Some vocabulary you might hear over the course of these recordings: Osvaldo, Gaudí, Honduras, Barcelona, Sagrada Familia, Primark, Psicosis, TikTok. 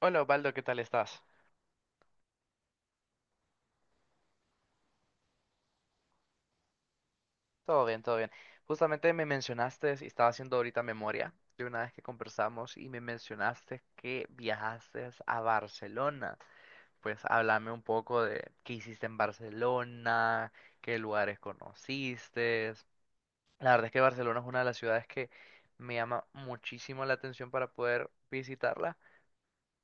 Hola Osvaldo, ¿qué tal estás? Todo bien, todo bien. Justamente me mencionaste, y estaba haciendo ahorita memoria de una vez que conversamos y me mencionaste que viajaste a Barcelona. Pues háblame un poco de qué hiciste en Barcelona, qué lugares conociste. La verdad es que Barcelona es una de las ciudades que me llama muchísimo la atención para poder visitarla.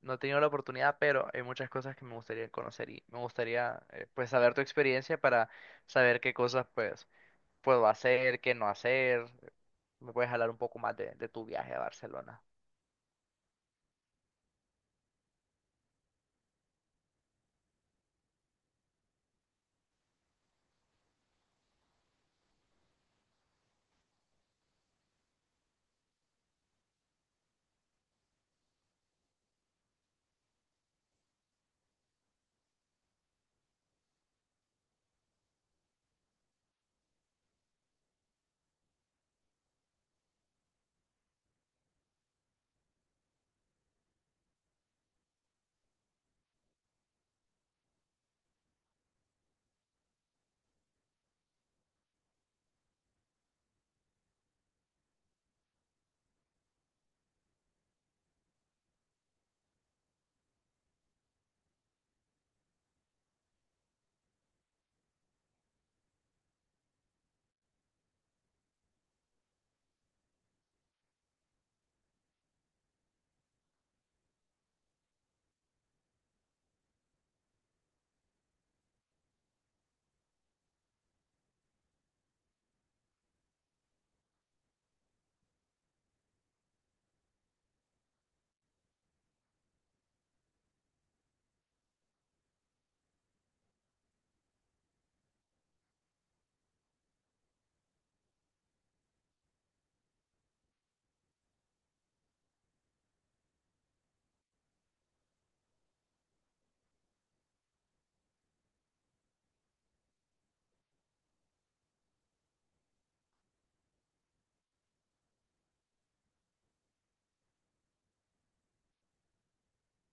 No he tenido la oportunidad, pero hay muchas cosas que me gustaría conocer y me gustaría pues saber tu experiencia para saber qué cosas pues puedo hacer, qué no hacer. ¿Me puedes hablar un poco más de tu viaje a Barcelona?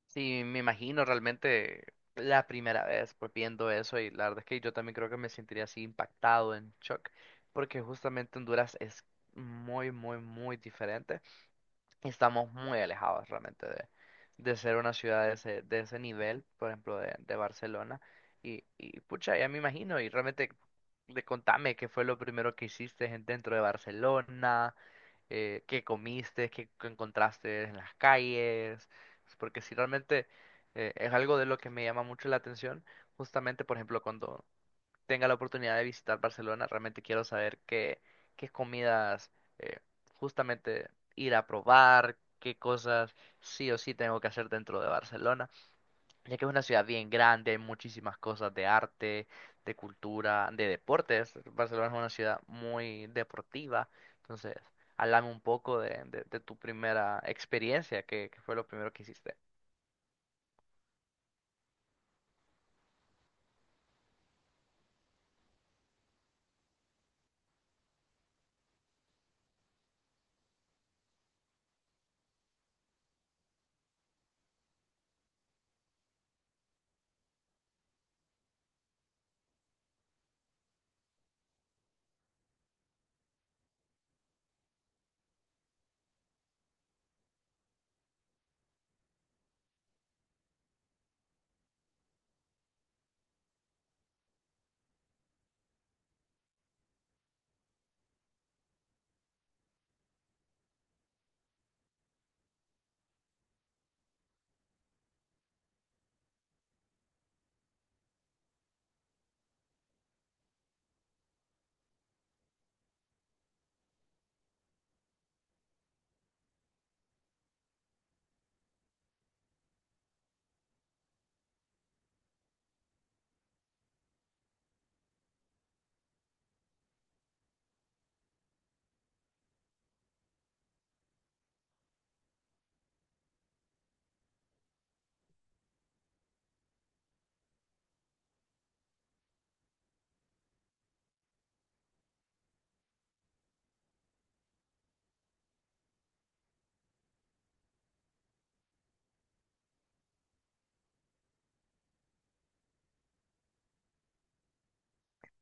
Sí, me imagino realmente la primera vez pues viendo eso y la verdad es que yo también creo que me sentiría así impactado en shock porque justamente Honduras es muy, muy, muy diferente. Estamos muy alejados realmente de ser una ciudad de ese nivel, por ejemplo, de Barcelona. Y pucha, ya me imagino y realmente de, contame qué fue lo primero que hiciste dentro de Barcelona qué comiste, qué, qué encontraste en las calles, porque si realmente es algo de lo que me llama mucho la atención, justamente, por ejemplo, cuando tenga la oportunidad de visitar Barcelona, realmente quiero saber qué, qué comidas eh, justamente ir a probar, qué cosas sí o sí tengo que hacer dentro de Barcelona ya que es una ciudad bien grande, hay muchísimas cosas de arte, de cultura, de deportes. Barcelona es una ciudad muy deportiva, entonces, háblame un poco de tu primera experiencia, que fue lo primero que hiciste.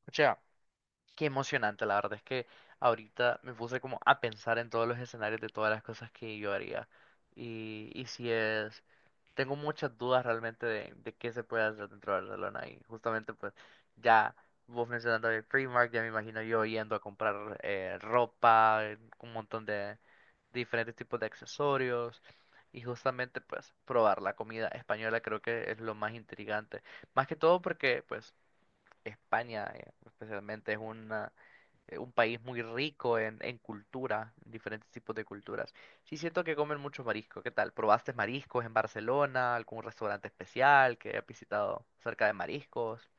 O sea, qué emocionante, la verdad es que ahorita me puse como a pensar en todos los escenarios de todas las cosas que yo haría. Y si es tengo muchas dudas realmente de qué se puede hacer dentro de Barcelona y justamente pues ya vos mencionando el Primark, ya me imagino yo yendo a comprar ropa, un montón de diferentes tipos de accesorios y justamente pues probar la comida española creo que es lo más intrigante, más que todo porque pues España especialmente es un país muy rico en cultura, en diferentes tipos de culturas. Sí, siento que comen muchos mariscos. ¿Qué tal? ¿Probaste mariscos en Barcelona? ¿Algún restaurante especial que hayas visitado acerca de mariscos?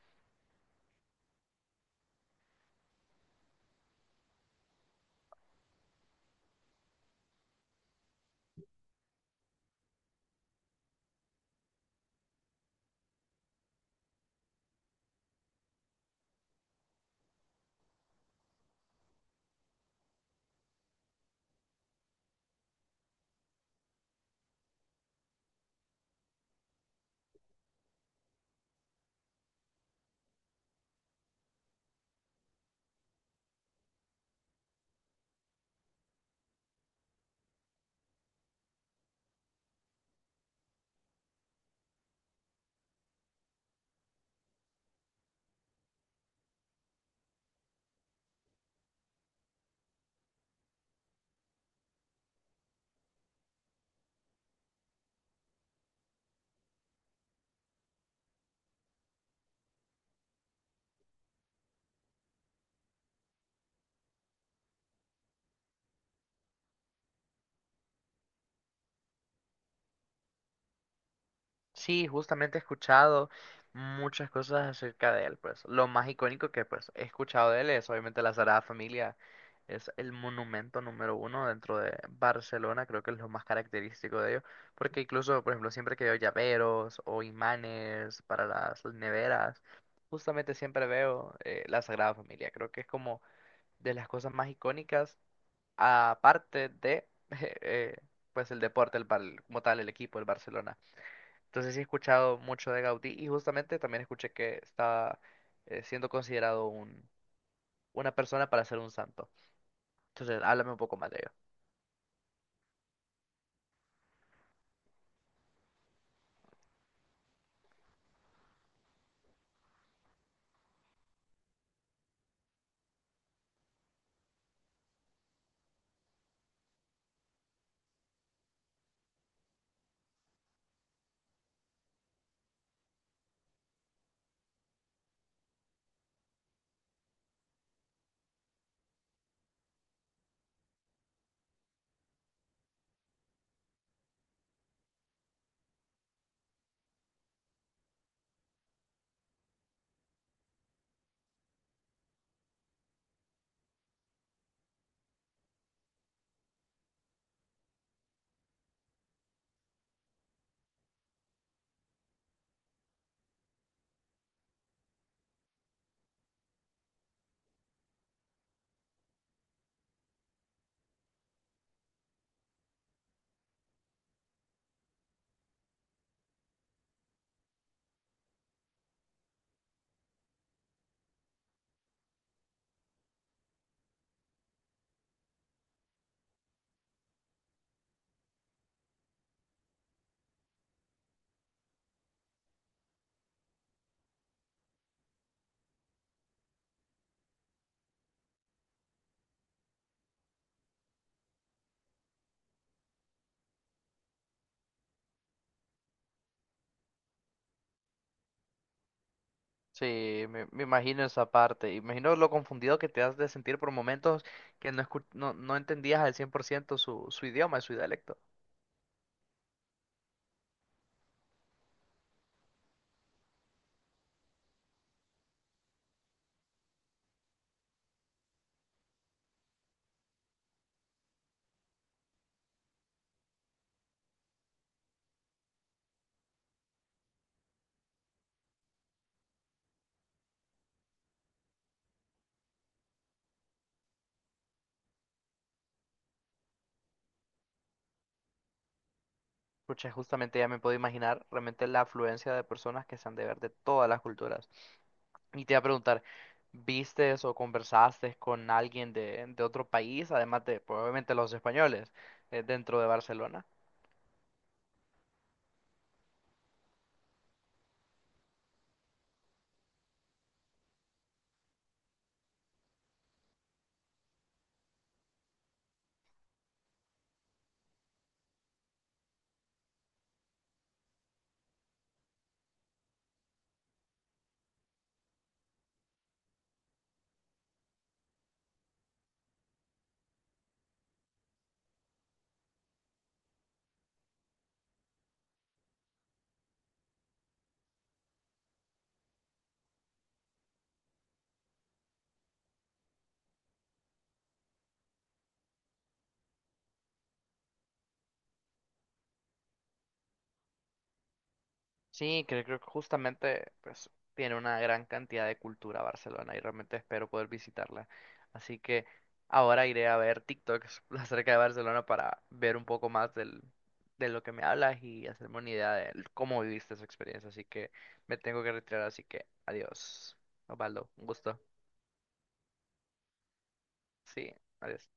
Sí, justamente he escuchado muchas cosas acerca de él, pues. Lo más icónico que pues he escuchado de él es obviamente la Sagrada Familia. Es el monumento número 1 dentro de Barcelona, creo que es lo más característico de ello, porque incluso, por ejemplo, siempre que veo llaveros o imanes para las neveras, justamente siempre veo la Sagrada Familia. Creo que es como de las cosas más icónicas, aparte de, eh, pues, el deporte, como tal, el equipo, el Barcelona. Entonces sí he escuchado mucho de Gaudí y justamente también escuché que está siendo considerado una persona para ser un santo. Entonces, háblame un poco más de ello. Sí, me imagino esa parte. Imagino lo confundido que te has de sentir por momentos que no, no, no entendías al 100% su, su idioma, su dialecto. Pucha, justamente ya me puedo imaginar realmente la afluencia de personas que se han de ver de todas las culturas. Y te iba a preguntar, ¿vistes o conversaste con alguien de otro país, además de probablemente los españoles, dentro de Barcelona? Sí, creo, creo que justamente pues tiene una gran cantidad de cultura Barcelona y realmente espero poder visitarla. Así que ahora iré a ver TikToks acerca de Barcelona para ver un poco más del, de lo que me hablas y hacerme una idea de cómo viviste esa experiencia. Así que me tengo que retirar, así que adiós. Osvaldo, un gusto. Sí, adiós.